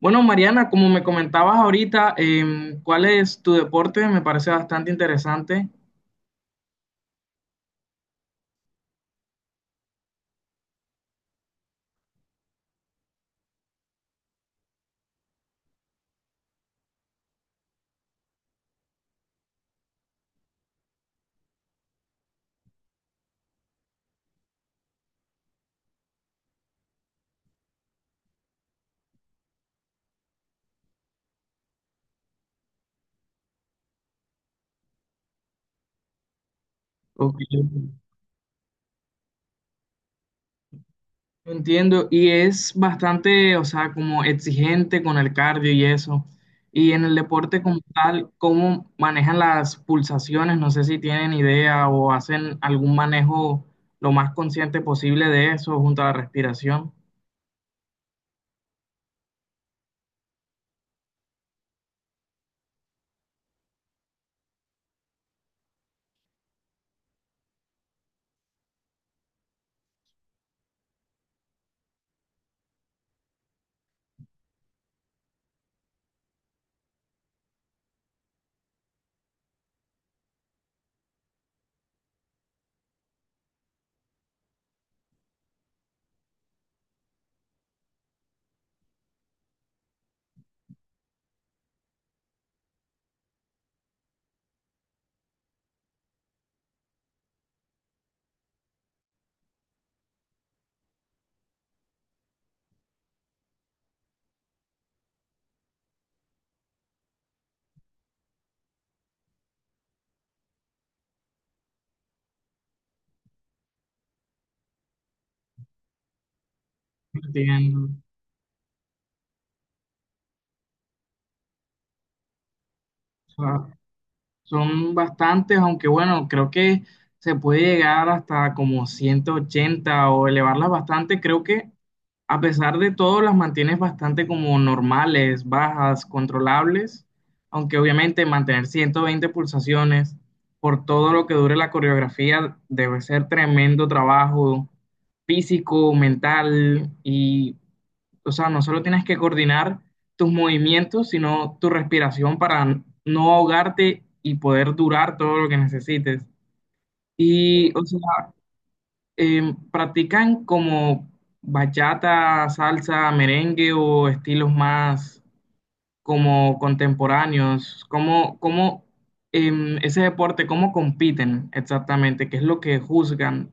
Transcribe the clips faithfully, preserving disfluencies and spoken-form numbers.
Bueno, Mariana, como me comentabas ahorita, em, ¿cuál es tu deporte? Me parece bastante interesante. Ok. Entiendo, y es bastante, o sea, como exigente con el cardio y eso. Y en el deporte como tal, ¿cómo manejan las pulsaciones? No sé si tienen idea o hacen algún manejo lo más consciente posible de eso junto a la respiración. Entiendo. Son bastantes, aunque bueno, creo que se puede llegar hasta como ciento ochenta o elevarlas bastante. Creo que a pesar de todo las mantienes bastante como normales, bajas, controlables, aunque obviamente mantener ciento veinte pulsaciones por todo lo que dure la coreografía debe ser tremendo trabajo físico, mental y o sea, no solo tienes que coordinar tus movimientos, sino tu respiración para n- no ahogarte y poder durar todo lo que necesites. Y, o sea, em, ¿practican como bachata, salsa, merengue o estilos más como contemporáneos? ¿Cómo, cómo em, ese deporte, cómo compiten exactamente? ¿Qué es lo que juzgan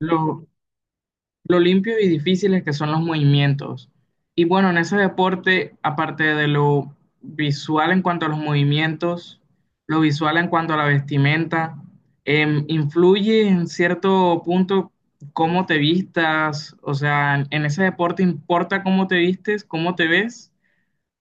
los, lo limpio y difíciles que son los movimientos? Y bueno, en ese deporte, aparte de lo visual en cuanto a los movimientos, lo visual en cuanto a la vestimenta, em, influye en cierto punto cómo te vistas, o sea, en, en ese deporte importa cómo te vistes, cómo te ves,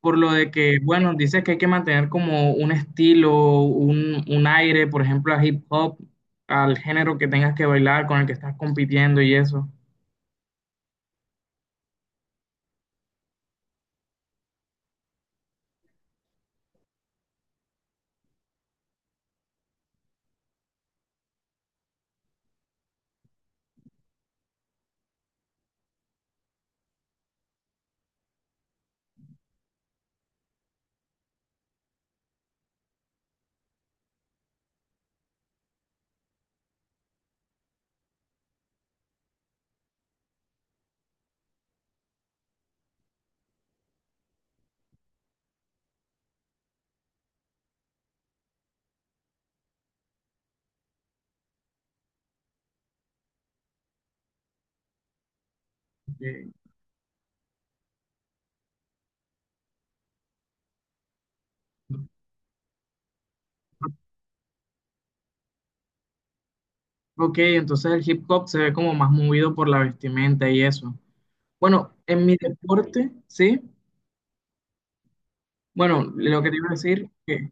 por lo de que, bueno, dices que hay que mantener como un estilo, un, un aire, por ejemplo, a hip hop, al género que tengas que bailar, con el que estás compitiendo y eso. Eh, Ok, entonces el hip hop se ve como más movido por la vestimenta y eso. Bueno, en mi deporte, sí. Bueno, lo que te iba a decir, que,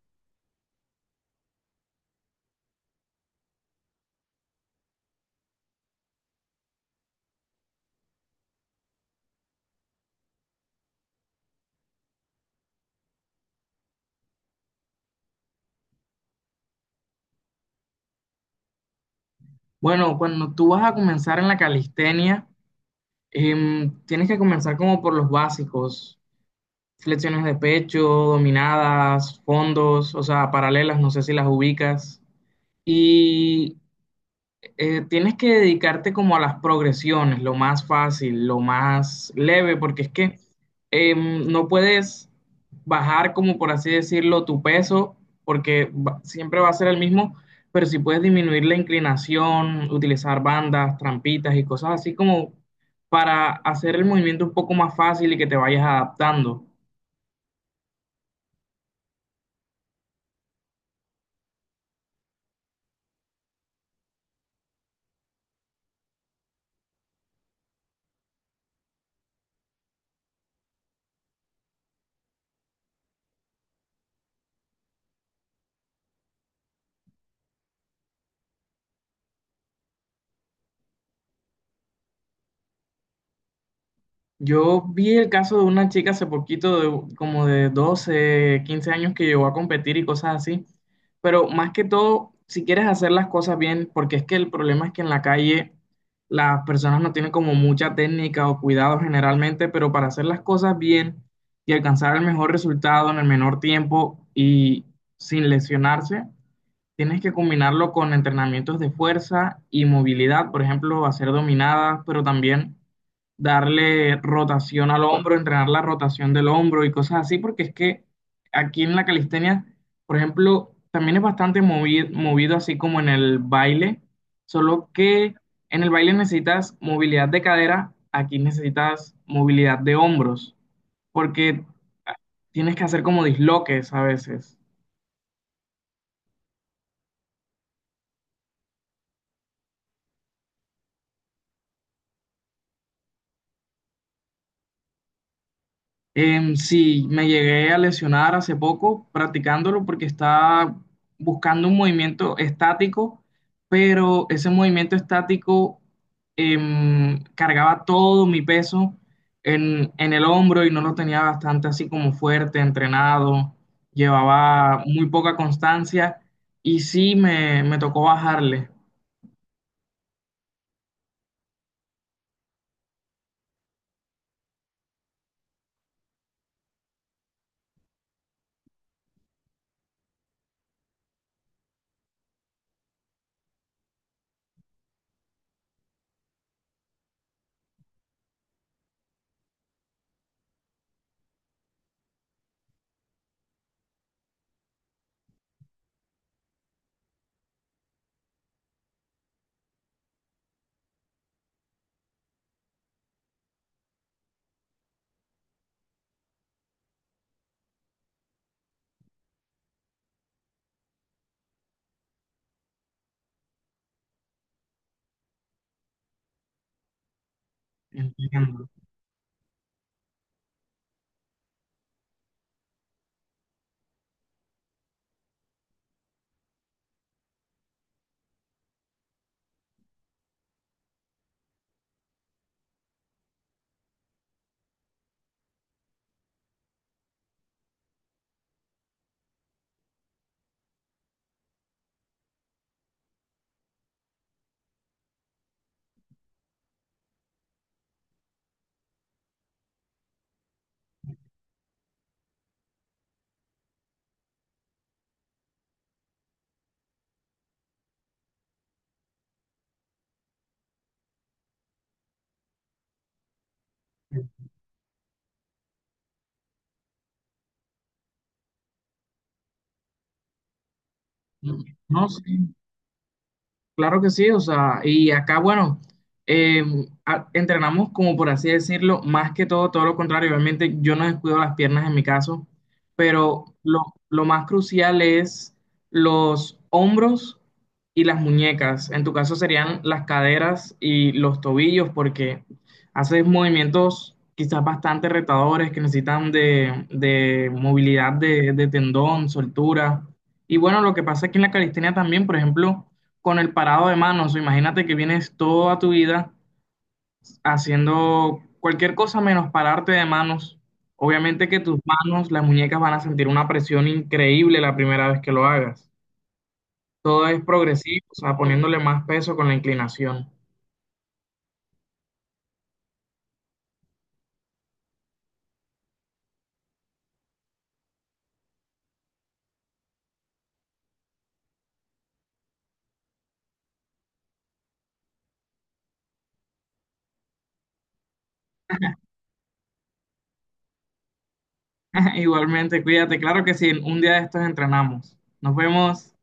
bueno, cuando tú vas a comenzar en la calistenia, em, tienes que comenzar como por los básicos, flexiones de pecho, dominadas, fondos, o sea, paralelas, no sé si las ubicas. Y eh, tienes que dedicarte como a las progresiones, lo más fácil, lo más leve, porque es que em, no puedes bajar, como por así decirlo, tu peso, porque va- siempre va a ser el mismo, pero si puedes disminuir la inclinación, utilizar bandas, trampitas y cosas así como para hacer el movimiento un poco más fácil y que te vayas adaptando. Yo vi el caso de una chica hace poquito, de, como de doce quince años, que llegó a competir y cosas así. Pero más que todo, si quieres hacer las cosas bien, porque es que el problema es que en la calle las personas no tienen como mucha técnica o cuidado generalmente, pero para hacer las cosas bien y alcanzar el mejor resultado en el menor tiempo y sin lesionarse, tienes que combinarlo con entrenamientos de fuerza y movilidad, por ejemplo, hacer dominadas, pero también darle rotación al hombro, entrenar la rotación del hombro y cosas así, porque es que aquí en la calistenia, por ejemplo, también es bastante movi- movido, así como en el baile, solo que en el baile necesitas movilidad de cadera, aquí necesitas movilidad de hombros, porque tienes que hacer como disloques a veces. Em, sí, me llegué a lesionar hace poco practicándolo porque estaba buscando un movimiento estático, pero ese movimiento estático em, cargaba todo mi peso en, en el hombro y no lo tenía bastante así como fuerte, entrenado, llevaba muy poca constancia y sí me, me tocó bajarle. Entiendo. No sé. Claro que sí, o sea, y acá, bueno, eh, a- entrenamos como por así decirlo, más que todo, todo lo contrario. Obviamente yo no descuido las piernas en mi caso, pero lo, lo más crucial es los hombros y las muñecas. En tu caso serían las caderas y los tobillos, porque haces movimientos quizás bastante retadores que necesitan de, de movilidad de, de tendón, soltura. Y bueno, lo que pasa aquí en la calistenia también, por ejemplo con el parado de manos. Imagínate que vienes toda tu vida haciendo cualquier cosa menos pararte de manos. Obviamente que tus manos, las muñecas van a sentir una presión increíble la primera vez que lo hagas. Todo es progresivo, o sea, poniéndole más peso con la inclinación. Igualmente, cuídate. Claro que sí, un día de estos entrenamos. Nos vemos.